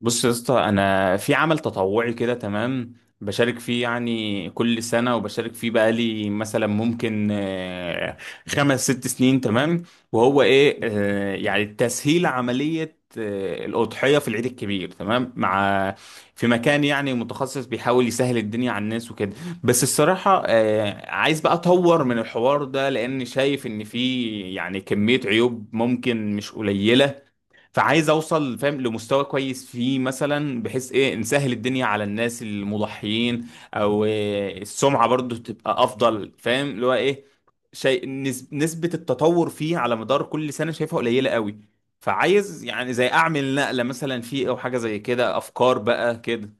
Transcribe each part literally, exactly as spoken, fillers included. بص يا اسطى، انا في عمل تطوعي كده، تمام. بشارك فيه يعني كل سنه، وبشارك فيه بقالي مثلا ممكن آه، خمس ست سنين، تمام. وهو ايه آه، يعني تسهيل عمليه آه، الاضحيه في العيد الكبير، تمام. مع في مكان يعني متخصص بيحاول يسهل الدنيا على الناس وكده. بس الصراحه آه، عايز بقى اطور من الحوار ده، لان شايف ان فيه يعني كميه عيوب ممكن مش قليله. فعايز اوصل فاهم لمستوى كويس فيه مثلا، بحيث ايه نسهل الدنيا على الناس المضحيين، او إيه السمعة برضو تبقى افضل. فاهم اللي هو ايه، شيء نس- نسبة التطور فيه على مدار كل سنة شايفها قليلة قوي. فعايز يعني زي اعمل نقلة مثلا فيه او حاجة زي كده. افكار بقى كده.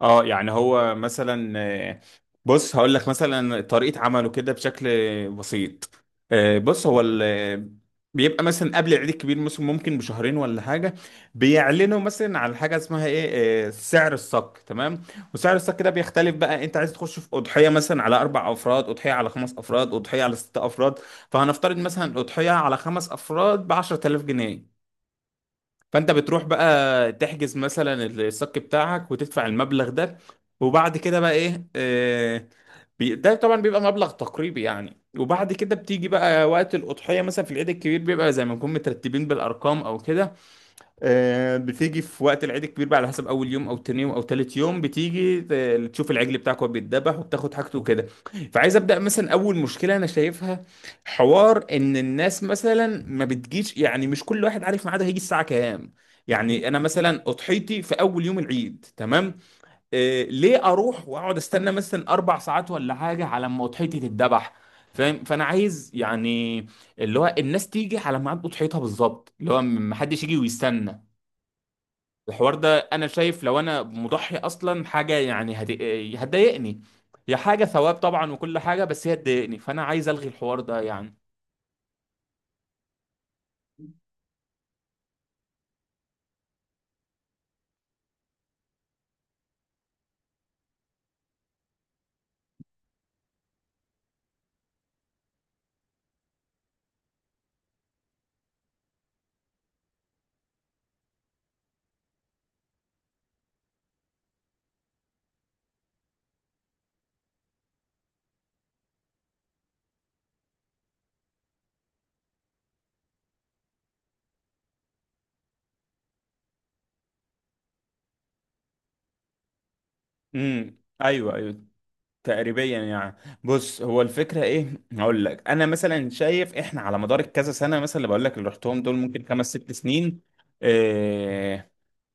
اه يعني هو مثلا آه، بص هقول لك مثلا طريقة عمله كده بشكل بسيط. آه، بص هو ال- بيبقى مثلا قبل العيد الكبير مثلا ممكن بشهرين ولا حاجة، بيعلنوا مثلا على حاجة اسمها ايه آه، سعر الصك، تمام. وسعر الصك ده بيختلف بقى، انت عايز تخش في أضحية مثلا على أربع أفراد، أضحية على خمس أفراد، أضحية على ست أفراد. فهنفترض مثلا أضحية على خمس أفراد بعشرة آلاف جنيه. فانت بتروح بقى تحجز مثلا الصك بتاعك وتدفع المبلغ ده. وبعد كده بقى ايه، آه، بي- ده طبعا بيبقى مبلغ تقريبي يعني. وبعد كده بتيجي بقى وقت الأضحية مثلا في العيد الكبير بيبقى زي ما نكون مترتبين بالأرقام أو كده. آه، بتيجي في وقت العيد الكبير بقى على حسب اول يوم او تاني يوم او تالت يوم، بتيجي ت- تشوف العجل بتاعك وهو بيتذبح وبتاخد حاجته وكده. فعايز ابدا مثلا اول مشكله انا شايفها حوار ان الناس مثلا ما بتجيش، يعني مش كل واحد عارف ميعاده هيجي الساعه كام. يعني انا مثلا اضحيتي في اول يوم العيد، تمام. آه ليه اروح واقعد استنى مثلا اربع ساعات ولا حاجه على ما اضحيتي تتذبح؟ فاهم. فانا عايز يعني اللي هو الناس تيجي على ميعاد اضحيتها بالظبط، اللي هو محدش يجي ويستنى. الحوار ده انا شايف لو انا مضحي اصلا حاجه يعني هت- هتضايقني. هي حاجه ثواب طبعا وكل حاجه، بس هي تضايقني. فانا عايز الغي الحوار ده يعني. امم ايوه ايوه، تقريبا يعني. بص هو الفكره ايه، هقول لك انا مثلا شايف احنا على مدار كذا سنه مثلا، اللي بقول لك اللي رحتهم دول ممكن خمس ست سنين. آه،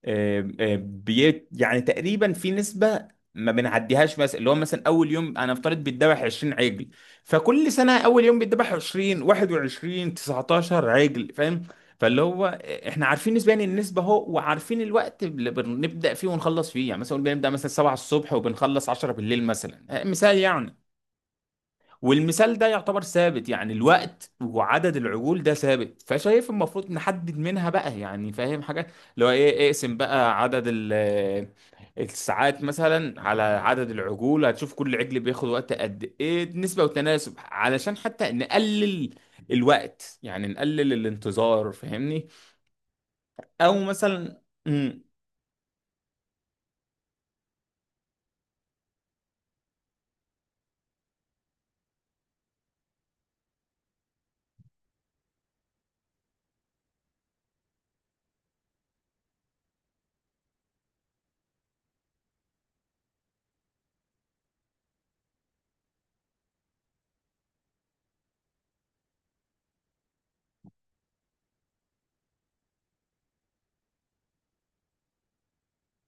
آه، آه، بي يعني تقريبا في نسبة ما بنعديهاش، مثلا اللي هو مثلا اول يوم انا افترض بيتذبح عشرين عجل. فكل سنة اول يوم بيتذبح عشرين واحد وعشرين تسعتاشر عجل، فاهم. فاللي هو احنا عارفين نسبيا النسبة اهو، وعارفين الوقت اللي بنبدأ فيه ونخلص فيه. يعني مثلا بنبدأ مثلا سبعة الصبح وبنخلص عشرة بالليل مثلا، آه، مثال يعني. والمثال ده يعتبر ثابت يعني، الوقت وعدد العجول ده ثابت. فشايف المفروض نحدد منها بقى يعني، فاهم حاجة اللي هو ايه. اقسم بقى عدد ال- آه، الساعات مثلا على عدد العجول، هتشوف كل عجل بياخد وقت قد ايه، نسبة وتناسب علشان حتى نقلل الوقت يعني، نقلل الانتظار، فاهمني. او مثلا امم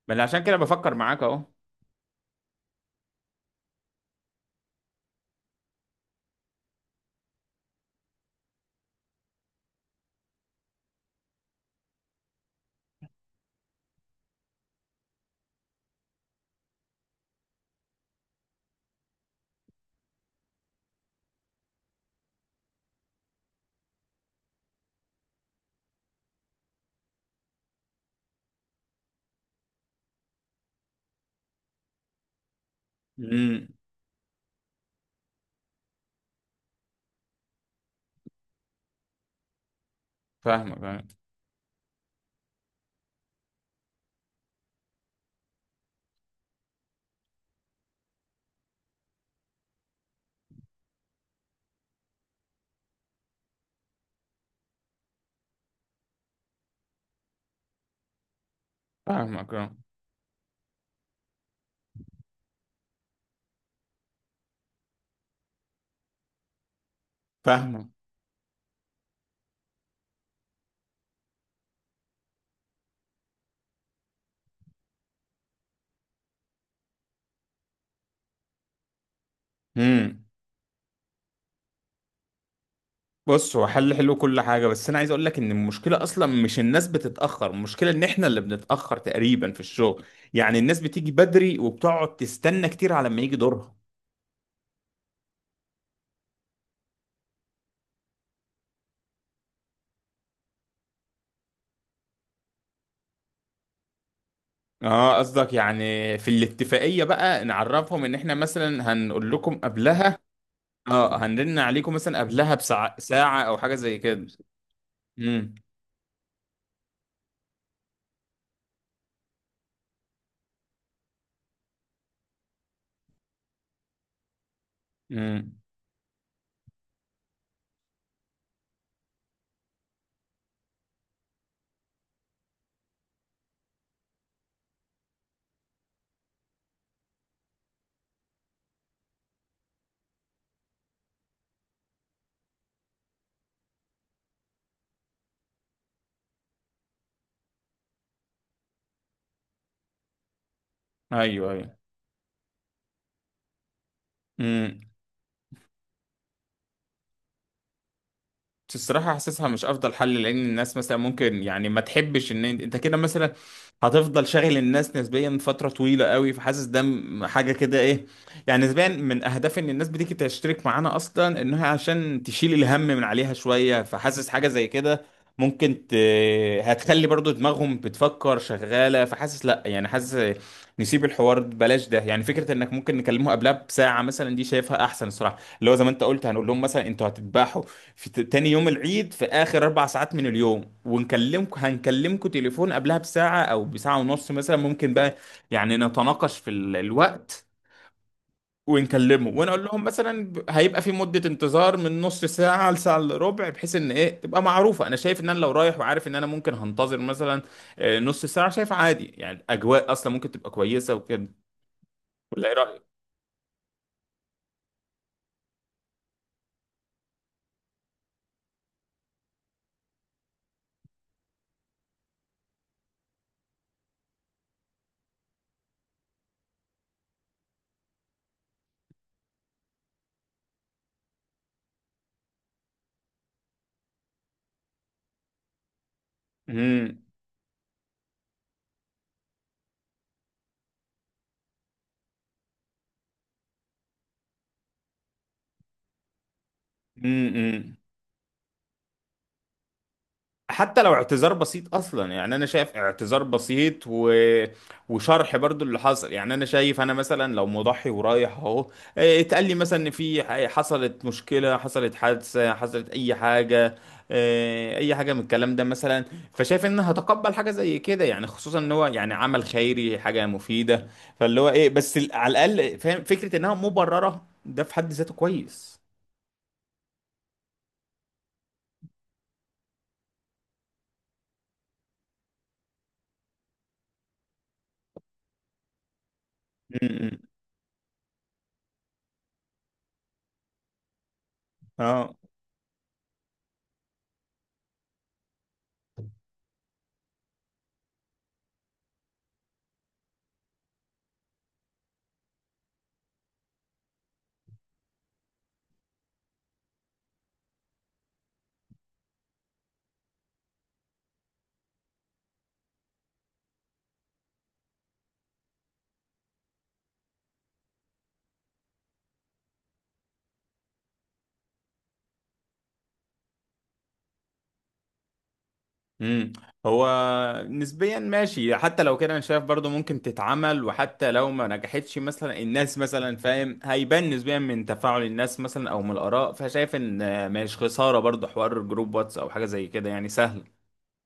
ما أنا عشان كده بفكر معاك اهو. امم فاهمك فاهمك فاهمك. اه. فاهمك. امم بص هو حل حلو كل حاجة، بس أنا عايز أقول لك إن المشكلة أصلا مش الناس بتتأخر، المشكلة إن إحنا اللي بنتأخر تقريبا في الشغل. يعني الناس بتيجي بدري وبتقعد تستنى كتير على ما يجي دورها. اه قصدك يعني في الاتفاقية بقى نعرفهم إن إحنا مثلا هنقول لكم قبلها. اه هنرن عليكم مثلا قبلها بساعة، ساعة أو حاجة زي كده. امم امم، أيوه أيوه. مم. الصراحة حاسسها مش أفضل حل، لأن الناس مثلا ممكن يعني ما تحبش إن أنت أنت كده مثلا هتفضل شاغل الناس نسبيا فترة طويلة قوي. فحاسس ده م- حاجة كده إيه، يعني نسبيا من أهداف إن الناس بتيجي تشترك معانا أصلا إنها عشان تشيل الهم من عليها شوية. فحاسس حاجة زي كده ممكن ت... هتخلي برضو دماغهم بتفكر شغالة. فحاسس لأ يعني، حاسس نسيب الحوار ده، بلاش ده يعني. فكرة إنك ممكن نكلمه قبلها بساعة مثلا، دي شايفها أحسن الصراحة. اللي هو زي ما أنت قلت، هنقول لهم مثلا أنتوا هتتباحوا في ت- تاني يوم العيد في آخر أربع ساعات من اليوم، ونكلمكم هنكلمكم تليفون قبلها بساعة أو بساعة ونص مثلا، ممكن بقى يعني نتناقش في ال- الوقت. ونكلمه ونقول لهم مثلا ب- هيبقى في مدة انتظار من نص ساعة لساعة إلا ربع، بحيث إن إيه تبقى معروفة. أنا شايف إن أنا لو رايح وعارف إن أنا ممكن هنتظر مثلا آه، نص ساعة، شايف عادي يعني. الأجواء أصلا ممكن تبقى كويسة وكده. ولا إيه رأيك؟ امم. حتى لو اعتذار بسيط اصلا يعني، انا شايف اعتذار بسيط و... وشرح برضو اللي حصل يعني. انا شايف انا مثلا لو مضحي ورايح اهو، إيه، اتقال لي مثلا ان في ح- حصلت مشكلة، حصلت حادثة، حصلت اي حاجة، إيه، اي حاجة من الكلام ده مثلا، فشايف ان هتقبل حاجة زي كده يعني. خصوصا ان هو يعني عمل خيري، حاجة مفيدة. فاللي هو ايه، بس ال- على الاقل فاهم فكرة انها مبررة، ده في حد ذاته كويس. م- م. اه. امم. هو نسبيا ماشي، حتى لو كده انا شايف برضو ممكن تتعمل. وحتى لو ما نجحتش مثلا الناس مثلا فاهم، هيبان نسبيا من تفاعل الناس مثلا او من الاراء. فشايف ان مش خسارة برضو حوار جروب واتس او حاجة زي كده يعني، سهل.